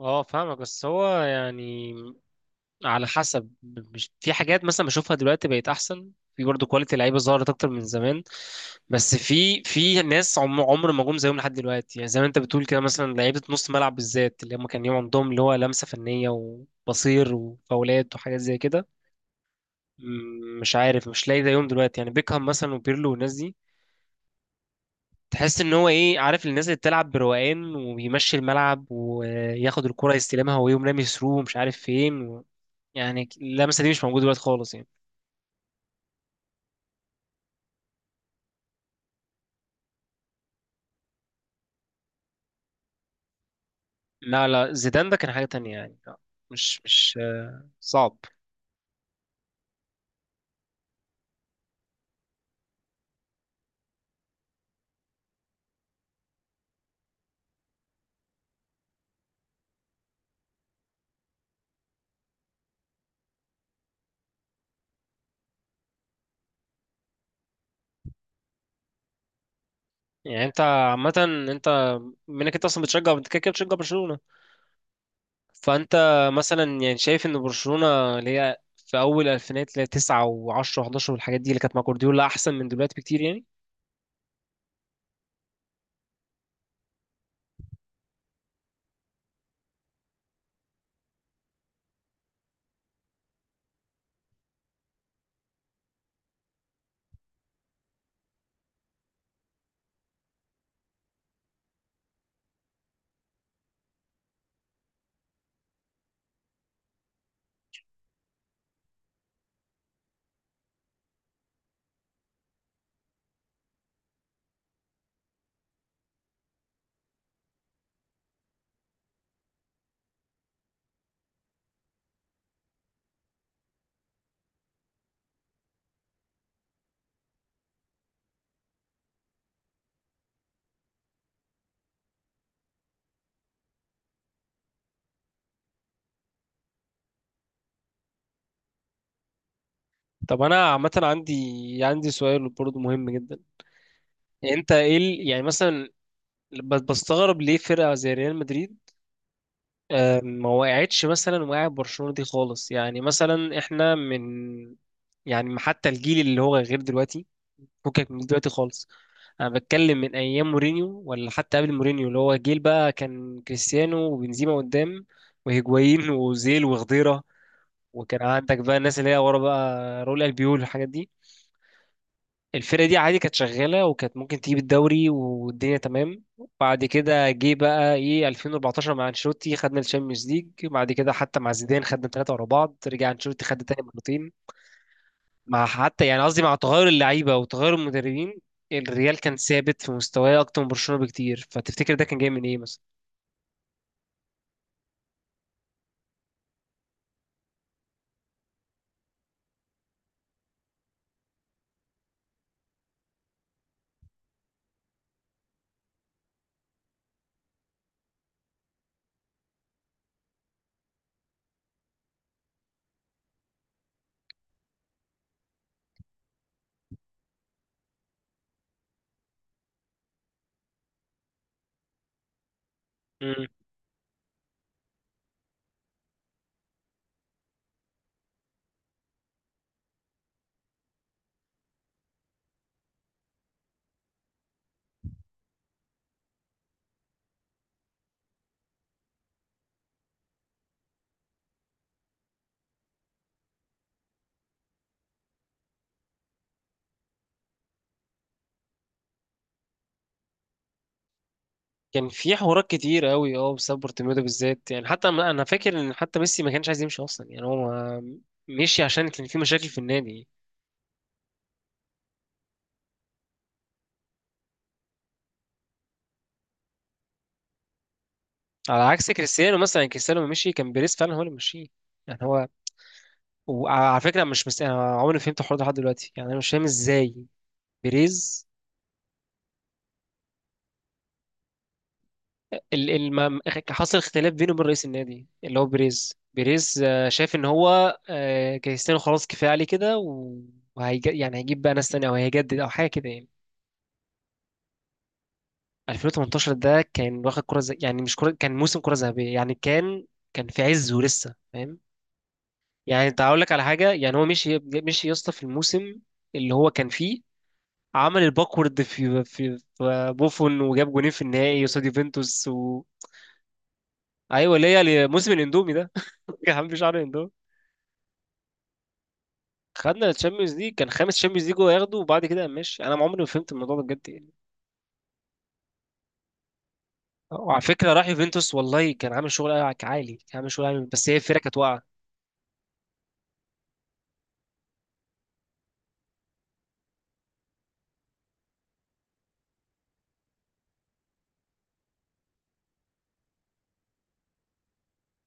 اه فاهمك، بس هو يعني على حسب. مش في حاجات مثلا بشوفها دلوقتي بقت احسن، في برضه كواليتي لعيبه ظهرت اكتر من زمان. بس في ناس عمر ما جم زيهم لحد دلوقتي، يعني زي ما انت بتقول كده، مثلا لعيبه نص ملعب بالذات، اللي هم كان يوم عندهم اللي هو لمسه فنيه وبصير وفاولات وحاجات زي كده. مش عارف، مش لاقي زيهم دلوقتي، يعني بيكهام مثلا وبيرلو والناس دي. تحس ان هو ايه، عارف، الناس اللي بتلعب بروقان وبيمشي الملعب وياخد الكرة يستلمها ويقوم رامي ثرو مش عارف فين. يعني اللمسه دي مش موجوده دلوقتي خالص يعني. لا لا، زيدان ده كان حاجه تانية يعني، لا. مش صعب. يعني انت عامه، انت منك انت اصلا بتشجع، انت كده كده بتشجع برشلونه، فانت مثلا يعني شايف ان برشلونه اللي هي في اول الفينات اللي هي 9 و10 و11 والحاجات دي اللي كانت مع جوارديولا احسن من دلوقتي بكتير يعني. طب انا عامه، عندي سؤال برضه مهم جدا. يعني انت ايه يعني مثلا بستغرب ليه فرقه زي ريال مدريد ما وقعتش مثلا وقع برشلونة دي خالص؟ يعني مثلا احنا من، يعني حتى الجيل اللي هو غير دلوقتي، فكك من دلوقتي خالص. انا بتكلم من ايام مورينيو، ولا حتى قبل مورينيو، اللي هو جيل بقى كان كريستيانو وبنزيما قدام وهيجوايين وزيل وخضيرة، وكان عندك بقى الناس اللي هي ورا بقى راؤول البيول والحاجات دي. الفرقة دي عادي كانت شغالة وكانت ممكن تجيب الدوري والدنيا تمام. بعد كده جه بقى ايه 2014 مع انشيلوتي خدنا الشامبيونز ليج، بعد كده حتى مع زيدان خدنا ثلاثة ورا بعض، رجع انشيلوتي خد تاني مرتين، مع حتى يعني قصدي مع تغير اللعيبة وتغير المدربين. الريال كان ثابت في مستواه أكتر من برشلونة بكتير، فتفتكر ده كان جاي من ايه مثلا؟ مم. كان في حوارات كتير قوي اه بسبب بورتوميو ده بالذات، يعني حتى أنا فاكر ان حتى ميسي ما كانش عايز يمشي اصلا، يعني هو مشي عشان كان في مشاكل في النادي. على عكس كريستيانو مثلا، يعني كريستيانو لما مشي كان بيريز فعلا هو اللي مشيه، يعني هو. وعلى فكره مش مس... يعني انا عمري ما فهمت الحوار ده لحد دلوقتي، يعني انا مش فاهم ازاي بيريز. ال... ال... ما... حصل اختلاف بينه وبين رئيس النادي اللي هو بيريز. بيريز شايف ان هو كريستيانو خلاص كفايه عليه كده، يعني هيجيب بقى ناس تانية او هيجدد او حاجه كده يعني. 2018 ده كان واخد كره يعني مش كره، كان موسم كره ذهبيه يعني، كان كان في عزه لسه فاهم. يعني انت هقول لك على حاجه، يعني هو مشي مشي يا اسطى في الموسم اللي هو كان فيه، عمل الباكورد في, بوفون وجاب جونين في النهائي قصاد يوفنتوس و... ايوه، اللي هي موسم الاندومي ده. يا عم شعر الاندومي. خدنا الشامبيونز ليج، كان خامس شامبيونز ليج هو ياخده، وبعد كده ماشي. انا عمري ما فهمت الموضوع ده بجد يعني. وعلى فكره راح يوفنتوس، والله كان عامل شغل عالي، كان عامل شغل عالي، بس هي الفرقه كانت واقعه.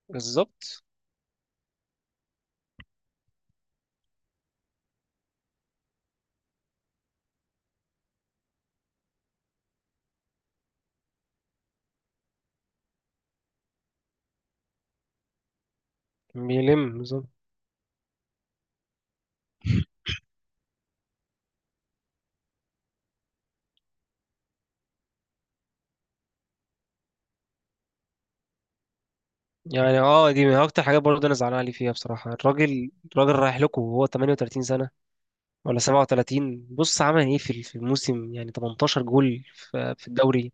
بالظبط. بيلم بالظبط. يعني اه، دي من اكتر حاجات برضه انا زعلان عليه فيها بصراحه، الراجل الراجل رايح لكم وهو 38 سنه ولا 37، بص عمل ايه في ال- في الموسم؟ يعني 18 جول في الدوري.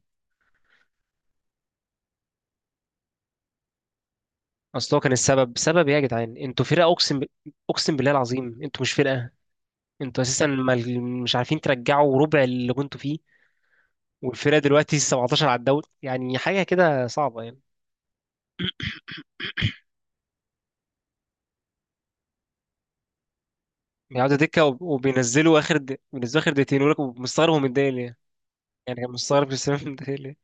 اصل هو كان السبب، سبب ايه يا جدعان، انتوا فرقه، اقسم ب... اقسم بالله العظيم انتوا مش فرقه، انتوا اساسا ما... مش عارفين ترجعوا ربع اللي كنتوا فيه، والفرقه دلوقتي 17 على الدوري، يعني حاجه كده صعبه يعني. بيقعدوا دكه، وبينزلوا اخر د... بينزلوا اخر دقيقتين، يقول لك مستغرب هو متضايق ليه. يعني كان مستغرب كريستيانو متضايق ليه.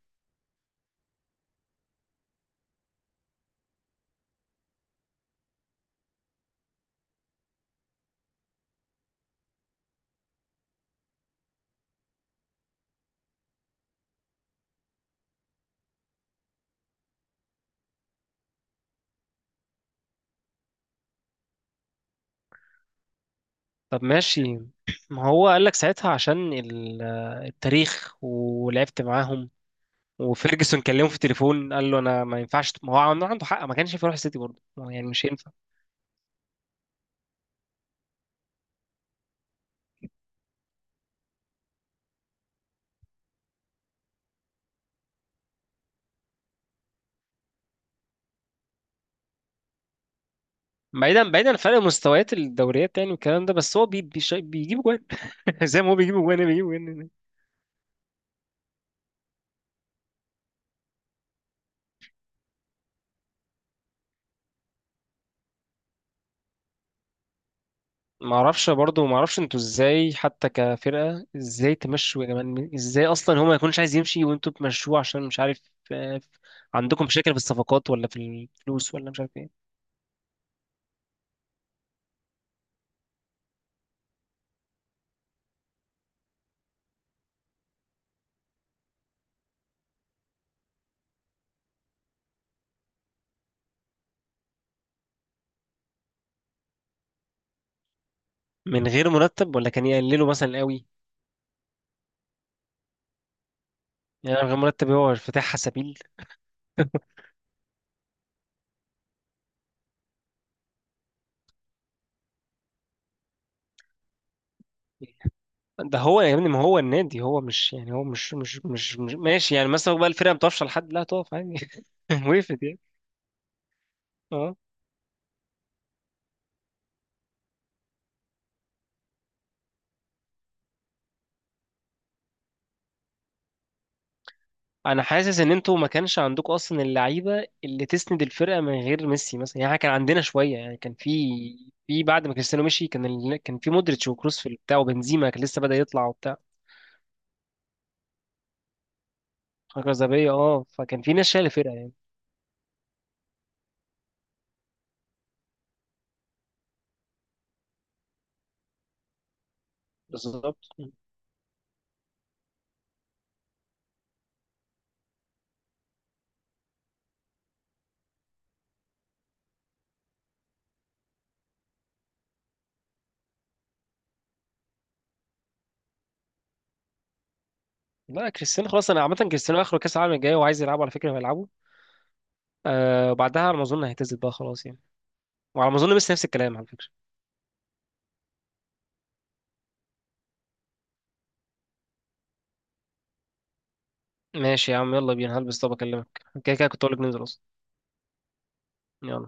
طب ماشي، ما هو قال لك ساعتها عشان التاريخ ولعبت معاهم، وفيرجسون كلمه في التليفون قال له انا ما ينفعش، ما هو عنده، عنده حق، ما كانش ينفع يروح السيتي برضه، ما هو يعني مش هينفع. بعيدا بعيدا عن فرق مستويات الدوريات يعني والكلام ده، بس هو بيجيب جوان زي ما هو بيجيب جوان، هي بيجيب جوان. ما اعرفش برضه، ما اعرفش انتوا ازاي حتى كفرقه ازاي تمشوا يا جماعه، ازاي اصلا هو ما يكونش عايز يمشي وانتوا تمشوه عشان مش عارف، آه، عندكم مشاكل في الصفقات، ولا في الفلوس، ولا مش عارف ايه، من غير مرتب ولا كان يقللوا مثلا قوي؟ يعني من غير مرتب هو افتتاح سبيل. ده هو يا ابني، ما هو النادي هو مش، يعني هو مش ماشي يعني، مثلا بقى الفرقه بتفشل لحد لا تقف عادي. وقفت يعني. اه. انا حاسس ان انتوا ما كانش عندكم اصلا اللعيبه اللي تسند الفرقه من غير ميسي مثلا، يعني إحنا كان عندنا شويه، يعني كان في بعد ما كريستيانو مشي كان في مودريتش وكروس في البتاع، وبنزيما كان لسه بدأ يطلع وبتاع كازابيه اه، فكان في ناس شايله الفرقه يعني. بالظبط. لا كريستيانو خلاص، انا عامه كريستيانو اخره كاس العالم الجاي وعايز يلعبه، على فكره هيلعبه، آه وبعدها على ما اظن هيعتزل بقى خلاص يعني، وعلى ما اظن بس نفس الكلام على فكره. ماشي يا عم يلا بينا هلبس، طب اكلمك. كده كده كنت اقول لك ننزل اصلا. يلا.